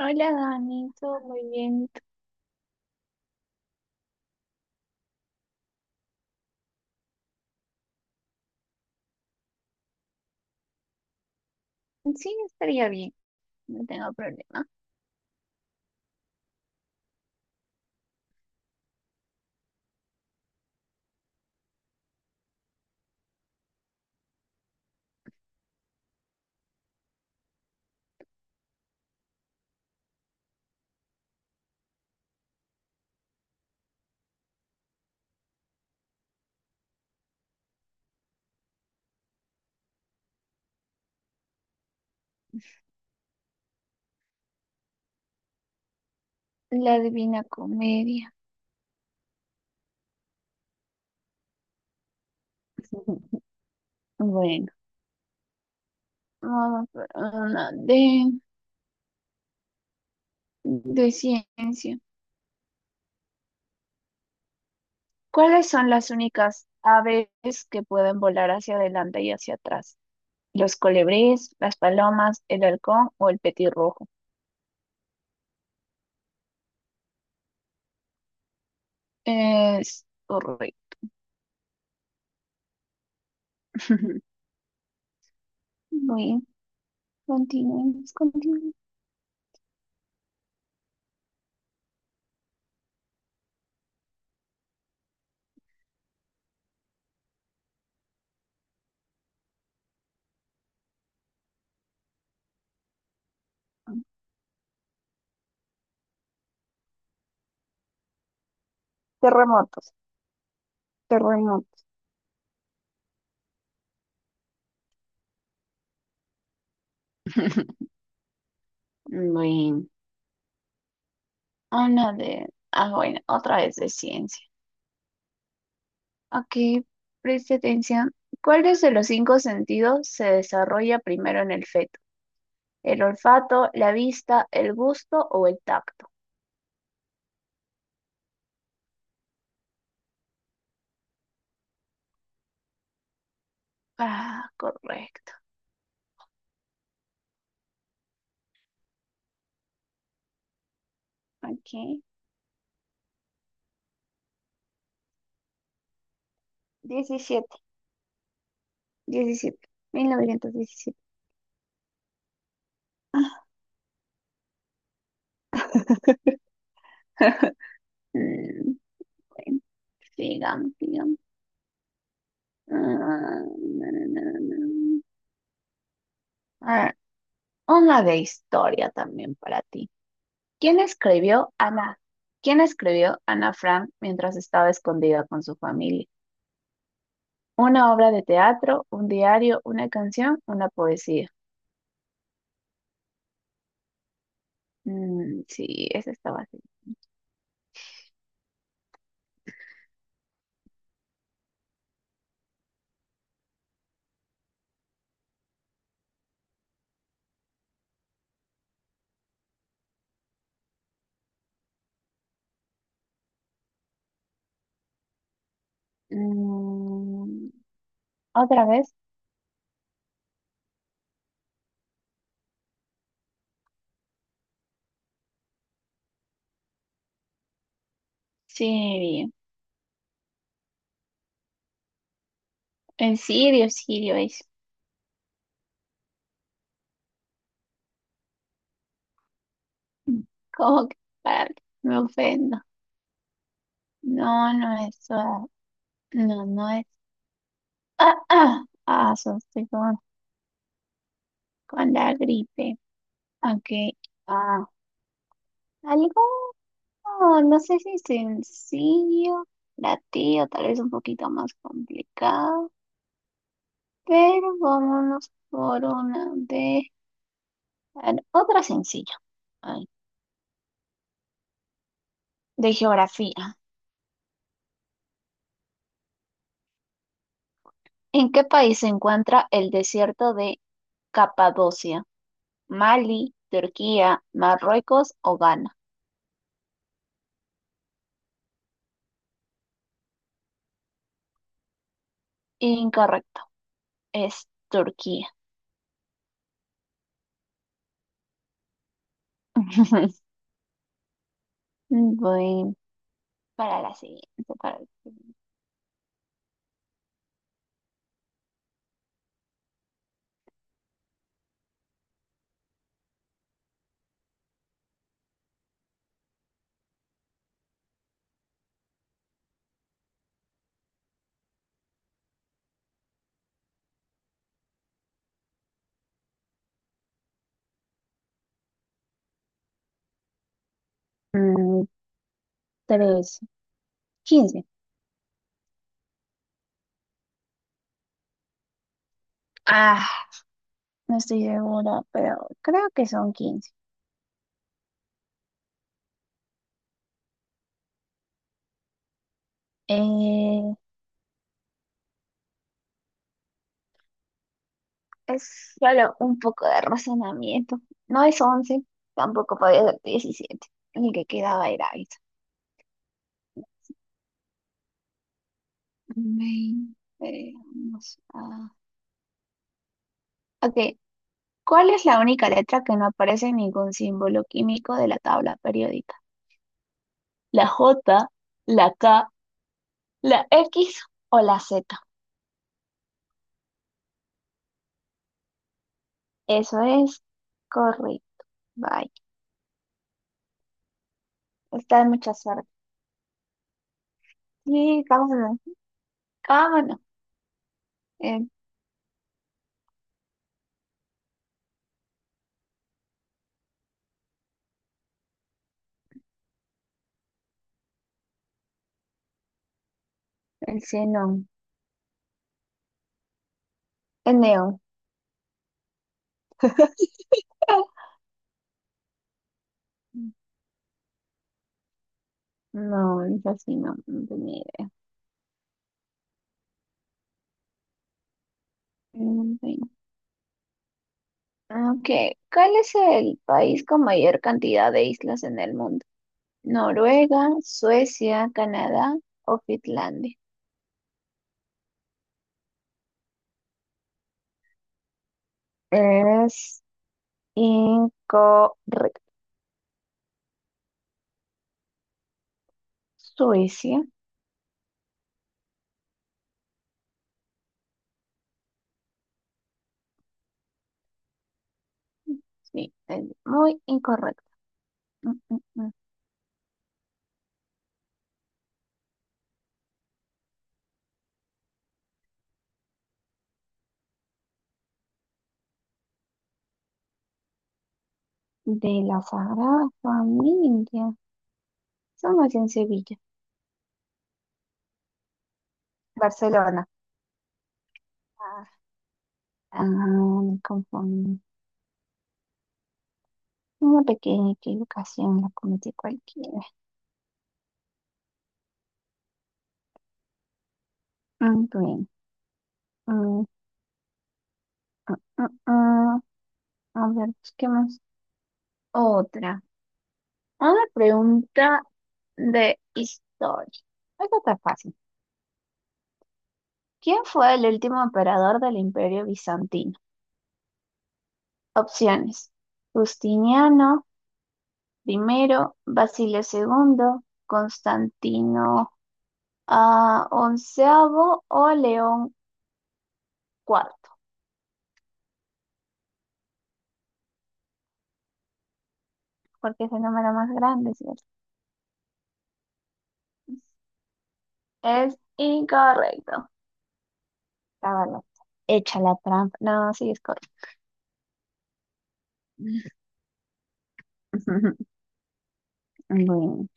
Hola Dani, todo muy bien. Sí, estaría bien, no tengo problema. La Divina Comedia. Bueno, vamos por una de ciencia. ¿Cuáles son las únicas aves que pueden volar hacia adelante y hacia atrás? ¿Los colibríes, las palomas, el halcón o el petirrojo? Es correcto. Muy bien, continuemos, continuemos. Terremotos, terremotos. Bueno. Habla de... Ah, bueno, otra vez de ciencia. Ok, preste atención. ¿Cuáles de los cinco sentidos se desarrolla primero en el feto? ¿El olfato, la vista, el gusto o el tacto? Ah, correcto. Ok. 17, 17, 1917. Mm, bueno, sigamos, sigamos. Ah, na, na, na, na, na. A ver, una de historia también para ti. ¿Quién escribió Ana? ¿Quién escribió Ana Frank mientras estaba escondida con su familia? ¿Una obra de teatro, un diario, una canción, una poesía? Mm, sí, esa estaba así. Mm, ¿otra vez? Sirio. En Sirio, Sirio es. Mm, ¿cómo que padre? Me ofendo. No, no es. No, no es. So estoy con la gripe. Ok. Ah, algo. No, no sé si sencillo para ti o tal vez un poquito más complicado, pero vámonos por una de... A ver, otra sencilla, ay, de geografía. ¿En qué país se encuentra el desierto de Capadocia? ¿Mali, Turquía, Marruecos o Ghana? Incorrecto, es Turquía. Voy para la siguiente, para... Mm, tres, 15. Ah. No estoy segura, pero creo que son 15. Eh, es solo un poco de razonamiento. No es 11, tampoco podía ser 17. El que quedaba era eso. 20. Ok, ¿cuál es la única letra que no aparece en ningún símbolo químico de la tabla periódica? ¿La J, la K, la X o la Z? Eso es correcto. Bye. Está de mucha suerte. Sí, vámonos. Vámonos. Eh, El xenón. El neón. No, es así, no, no tenía idea. Mm, bueno. Ok, ¿cuál es el país con mayor cantidad de islas en el mundo? ¿Noruega, Suecia, Canadá o Finlandia? Es incorrecto. Suecia. Sí, es muy incorrecto. Mm, mm, mm. De la Sagrada Familia. Somos en Sevilla. Barcelona. Ah, me confundí. Una pequeña equivocación la cometí cualquiera. Mm, bien. Mm, ah, ah, ah. A ver, busquemos otra. Una pregunta de historia. Esta está fácil. ¿Quién fue el último emperador del Imperio Bizantino? Opciones. Justiniano primero, Basilio segundo, Constantino onceavo o León cuarto, porque es el número más grande, ¿cierto? Es incorrecto. Estaba bueno. Echa la trampa. No, sí es correcto. Bueno,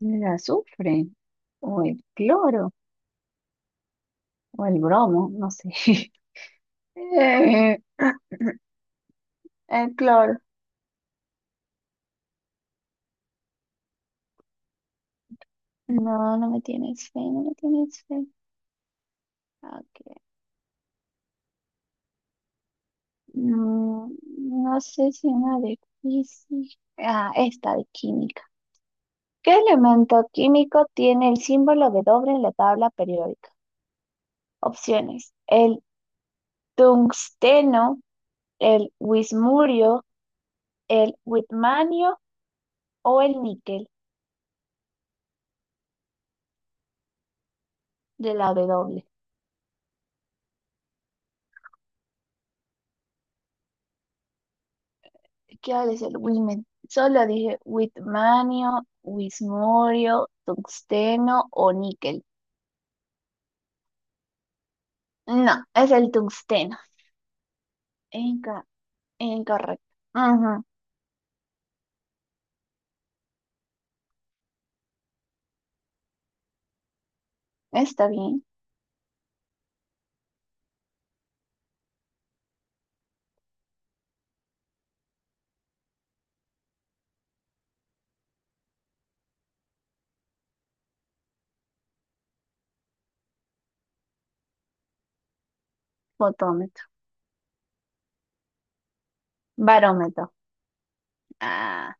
el azufre o el cloro o el bromo, no sé. Eh, El cloro. No, no me tienes fe, no me tienes fe. Ok. Mm, no sé si una de física. Esta de química. ¿Qué elemento químico tiene el símbolo de doble en la tabla periódica? Opciones. El tungsteno, el Wismurio, el Whitmanio o el níquel de la W. ¿Qué ahora es el Wimen? Solo dije Whitmanio, Wismurio, tungsteno o níquel. No, es el tungsteno. Inca- Incorrecto. Ujú. Está bien. Fotómetro. Barómetro. Ah,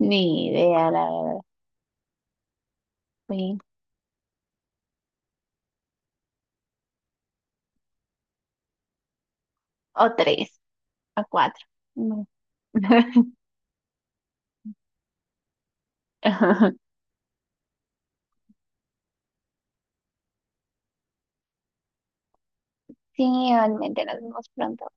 ni idea, la verdad. Sí. O tres, o cuatro. No. Sí, realmente nos vemos pronto.